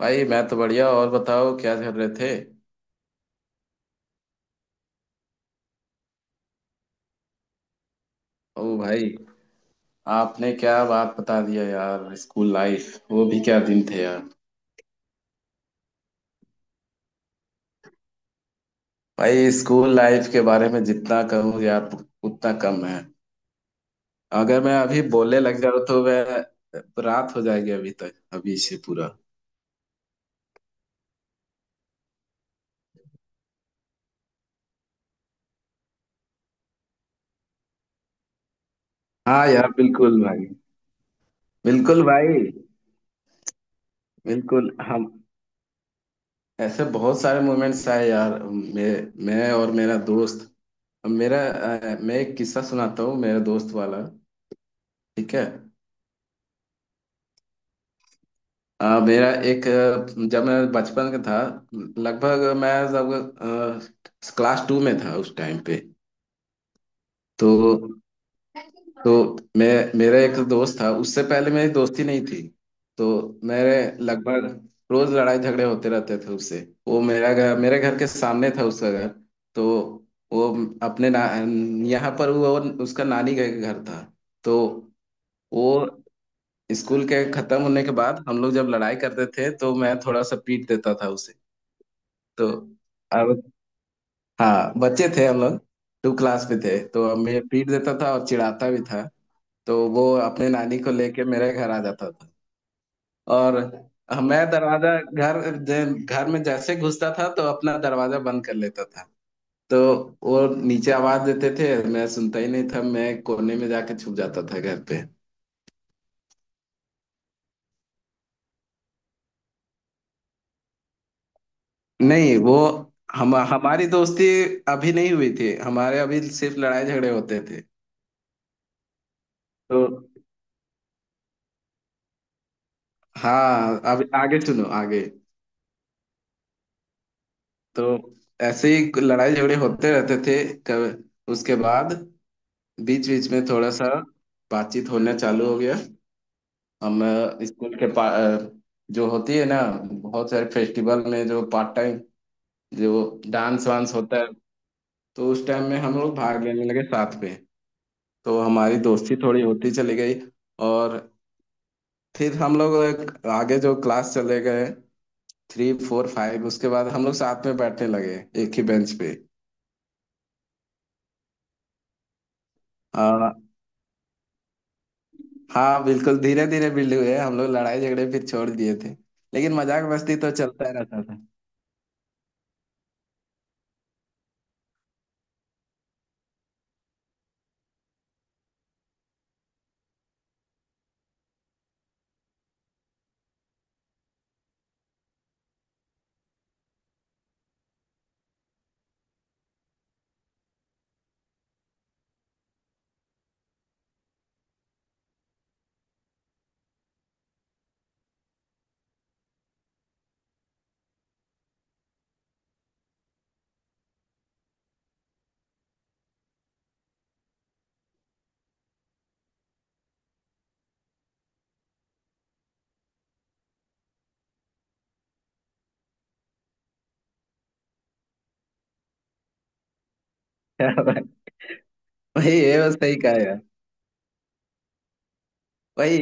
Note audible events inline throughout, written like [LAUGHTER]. भाई, मैं तो बढ़िया। और बताओ क्या कर रहे थे। ओ भाई, आपने क्या बात बता दिया यार, स्कूल लाइफ, वो भी क्या दिन थे यार। भाई, स्कूल लाइफ के बारे में जितना कहूँ यार, उतना कम है। अगर मैं अभी बोलने लग जाऊँ तो मैं रात हो जाएगी, अभी तक अभी से पूरा। हाँ यार बिल्कुल भाई। बिल्कुल भाई। बिल्कुल, हम ऐसे बहुत सारे मोमेंट्स आए यार। मैं और मेरा दोस्त। मैं एक किस्सा सुनाता हूँ, मेरा दोस्त वाला। ठीक है। जब मैं बचपन का था, लगभग मैं जब क्लास 2 में था, उस टाइम पे। तो तो मैं मेरा एक दोस्त था, उससे पहले मेरी दोस्ती नहीं थी। तो मेरे लगभग रोज लड़ाई झगड़े होते रहते थे उससे। वो, मेरा घर मेरे घर के सामने था उसका घर। तो वो, अपने ना, यहाँ पर, वो उसका नानी का घर था। तो वो, स्कूल के खत्म होने के बाद हम लोग जब लड़ाई करते थे तो मैं थोड़ा सा पीट देता था उसे। तो अब, हाँ, बच्चे थे हम लोग, 2 क्लास में थे, तो अब मैं पीट देता था और चिढ़ाता भी था। तो वो अपने नानी को लेके मेरे घर आ जाता था। और मैं दरवाजा घर जे- घर में जैसे घुसता था तो अपना दरवाजा बंद कर लेता था। तो वो नीचे आवाज देते थे, मैं सुनता ही नहीं था, मैं कोने में जाके छुप जाता था घर पे। नहीं, वो हम हमारी दोस्ती अभी नहीं हुई थी, हमारे अभी सिर्फ लड़ाई झगड़े होते थे तो। हाँ, अब आगे सुनो आगे। तो ऐसे ही लड़ाई झगड़े होते रहते थे। उसके बाद बीच बीच में थोड़ा सा बातचीत होना चालू हो गया। स्कूल के जो होती है ना, बहुत सारे फेस्टिवल में जो पार्ट टाइम, जो डांस वांस होता है, तो उस टाइम में हम लोग भाग लेने लगे साथ में। तो हमारी दोस्ती थोड़ी होती चली गई। और फिर हम लोग एक आगे जो क्लास चले गए, 3, 4, 5, उसके बाद हम लोग साथ में बैठने लगे एक ही बेंच पे। हाँ बिल्कुल, धीरे धीरे बिल्ड हुए हैं। हम लोग लड़ाई झगड़े फिर छोड़ दिए थे, लेकिन मजाक मस्ती तो चलता ही रहता था। [LAUGHS] क्या बात- वही, ये बस सही कहा यार। वही।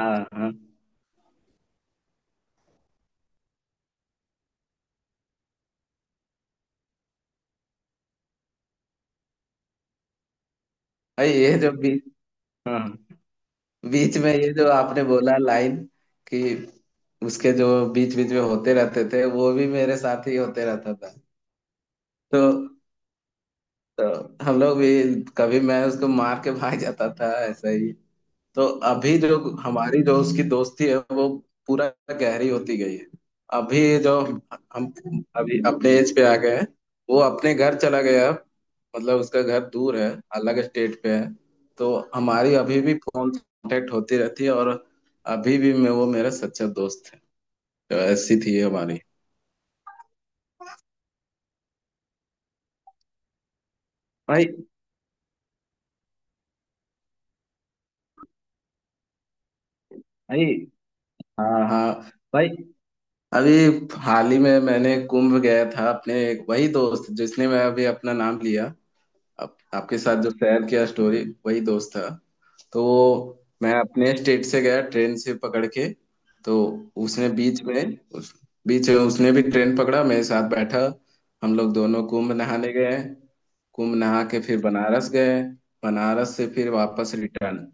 हाँ हाँ। वही ये जो बीच हाँ हाँ। बीच में ये जो आपने बोला लाइन, कि उसके जो बीच बीच में होते रहते थे, वो भी मेरे साथ ही होते रहता था। तो, तो हम लोग भी कभी मैं उसको मार के भाग जाता था, ऐसा ही तो। अभी जो हमारी जो उसकी दोस्ती है, वो पूरा गहरी होती गई है। अभी जो हम अभी अपने एज पे आ गए हैं। वो अपने घर चला गया अब। मतलब उसका घर दूर है, अलग स्टेट पे है तो। हमारी अभी भी फोन कांटेक्ट होती रहती है, और अभी भी मैं वो मेरा सच्चा दोस्त है। तो ऐसी थी हमारी। भाई, भाई, हाँ हाँ। भाई, अभी हाल ही में मैंने कुंभ गया था, अपने एक वही दोस्त, जिसने मैं अभी अपना नाम लिया, आपके साथ जो शेयर किया स्टोरी, वही दोस्त था। तो मैं अपने स्टेट से गया ट्रेन से पकड़ के। तो उसने बीच में उस बीच में उसने भी ट्रेन पकड़ा, मेरे साथ बैठा। हम लोग दोनों कुंभ नहाने गए। कुंभ नहा के फिर बनारस गए। बनारस से फिर वापस रिटर्न।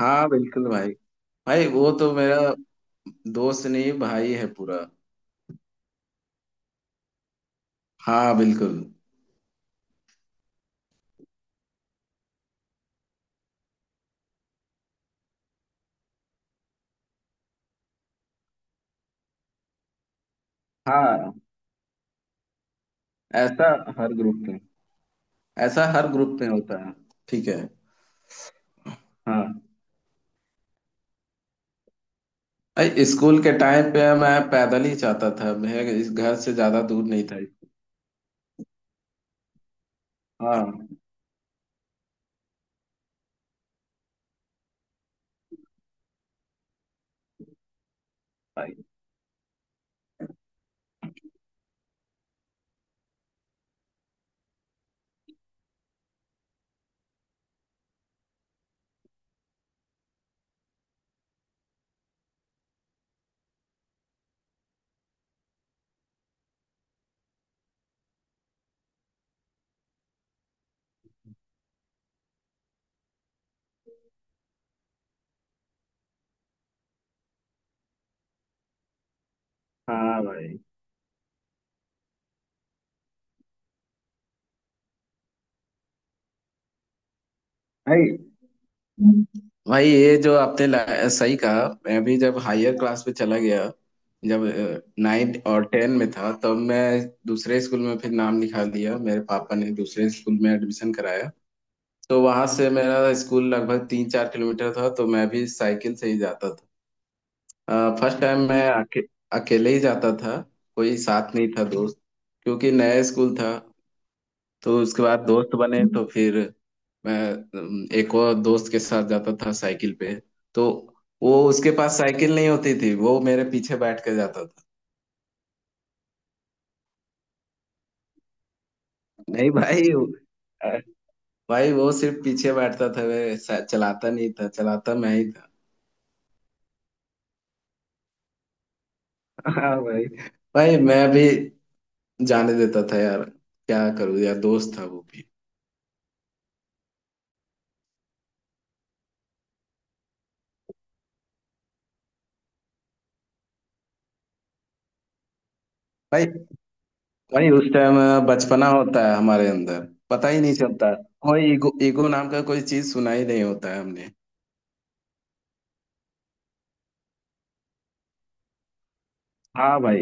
हाँ बिल्कुल भाई। भाई, वो तो मेरा दोस्त नहीं, भाई है पूरा। हाँ बिल्कुल। हाँ, ऐसा हर ग्रुप में ऐसा हर ग्रुप में होता है। ठीक है। हाँ। अरे स्कूल के टाइम पे मैं पैदल ही जाता था, मैं इस घर से ज्यादा दूर नहीं था। हाँ भाई। हाँ भाई, भाई, भाई, ये जो आपने सही कहा, मैं भी जब हायर क्लास में चला गया, जब नाइन्थ और 10 में था, तब मैं दूसरे स्कूल में फिर नाम लिखा लिया, मेरे पापा ने दूसरे स्कूल में एडमिशन कराया। तो वहां से मेरा स्कूल लगभग 3-4 किलोमीटर था, तो मैं भी साइकिल से ही जाता था। फर्स्ट टाइम मैं अकेले ही जाता था, कोई साथ नहीं था दोस्त, क्योंकि नया स्कूल था। तो उसके बाद दोस्त बने तो फिर मैं एक और दोस्त के साथ जाता था साइकिल पे। तो वो, उसके पास साइकिल नहीं होती थी, वो मेरे पीछे बैठ के जाता था। नहीं भाई वो- अ, भाई वो सिर्फ पीछे बैठता था, चलाता नहीं था, चलाता मैं ही था। हाँ भाई। भाई मैं भी जाने देता था यार, क्या करूँ यार, दोस्त था वो भी। भाई, वही उस टाइम बचपना होता है हमारे अंदर, पता ही नहीं चलता, कोई ईगो, ईगो नाम का कोई चीज सुना ही नहीं होता है हमने। हाँ भाई।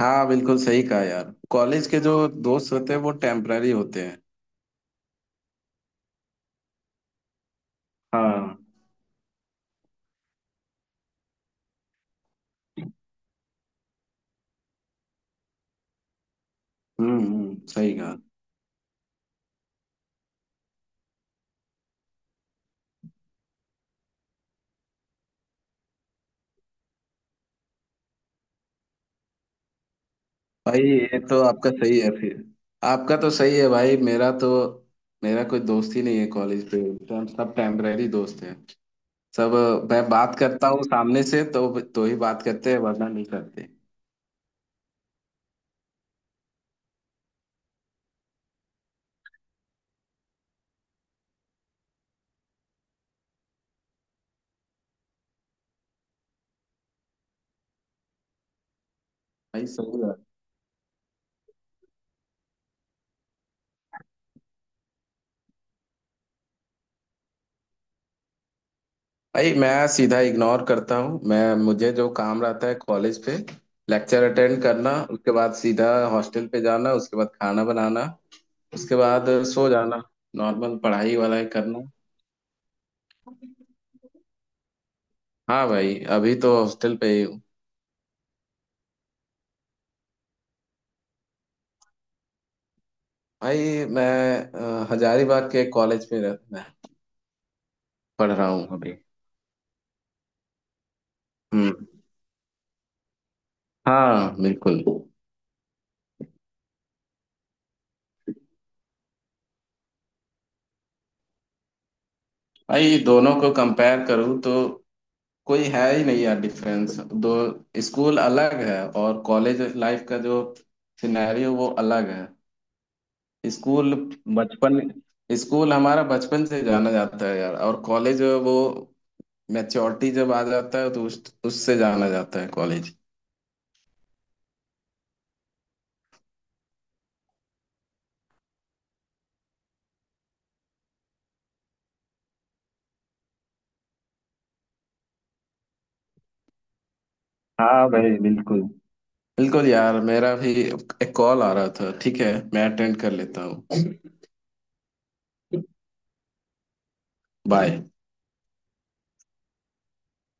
हाँ बिल्कुल सही कहा यार, कॉलेज के जो दोस्त होते हैं वो टेम्पररी होते हैं। हाँ। सही कहा। भाई, ये तो आपका सही है फिर, आपका तो सही है भाई, मेरा कोई दोस्त ही नहीं है कॉलेज पे, हम सब टेम्पररी दोस्त हैं, सब। मैं बात करता हूँ सामने से तो ही बात करते हैं, वरना नहीं करते। भाई सही है। भाई मैं सीधा इग्नोर करता हूँ, मैं मुझे जो काम रहता है कॉलेज पे, लेक्चर अटेंड करना, उसके बाद सीधा हॉस्टल पे जाना, उसके बाद खाना बनाना, उसके बाद सो जाना, नॉर्मल पढ़ाई वाला करना। हाँ भाई, अभी तो हॉस्टल पे ही हूँ। भाई मैं हजारीबाग के कॉलेज में मैं पढ़ रहा हूँ अभी। हम्म। हाँ बिल्कुल। भाई दोनों को कंपेयर करूँ तो कोई है ही नहीं यार डिफरेंस। दो स्कूल अलग है, और कॉलेज लाइफ का जो सिनेरियो वो अलग है। स्कूल बचपन स्कूल हमारा बचपन से जाना जाता है यार, और कॉलेज वो मैच्योरिटी जब आ जाता है तो उस उससे जाना जाता है कॉलेज। हाँ भाई बिल्कुल। बिल्कुल यार, मेरा भी एक कॉल आ रहा था, ठीक है मैं अटेंड कर लेता हूँ। बाय।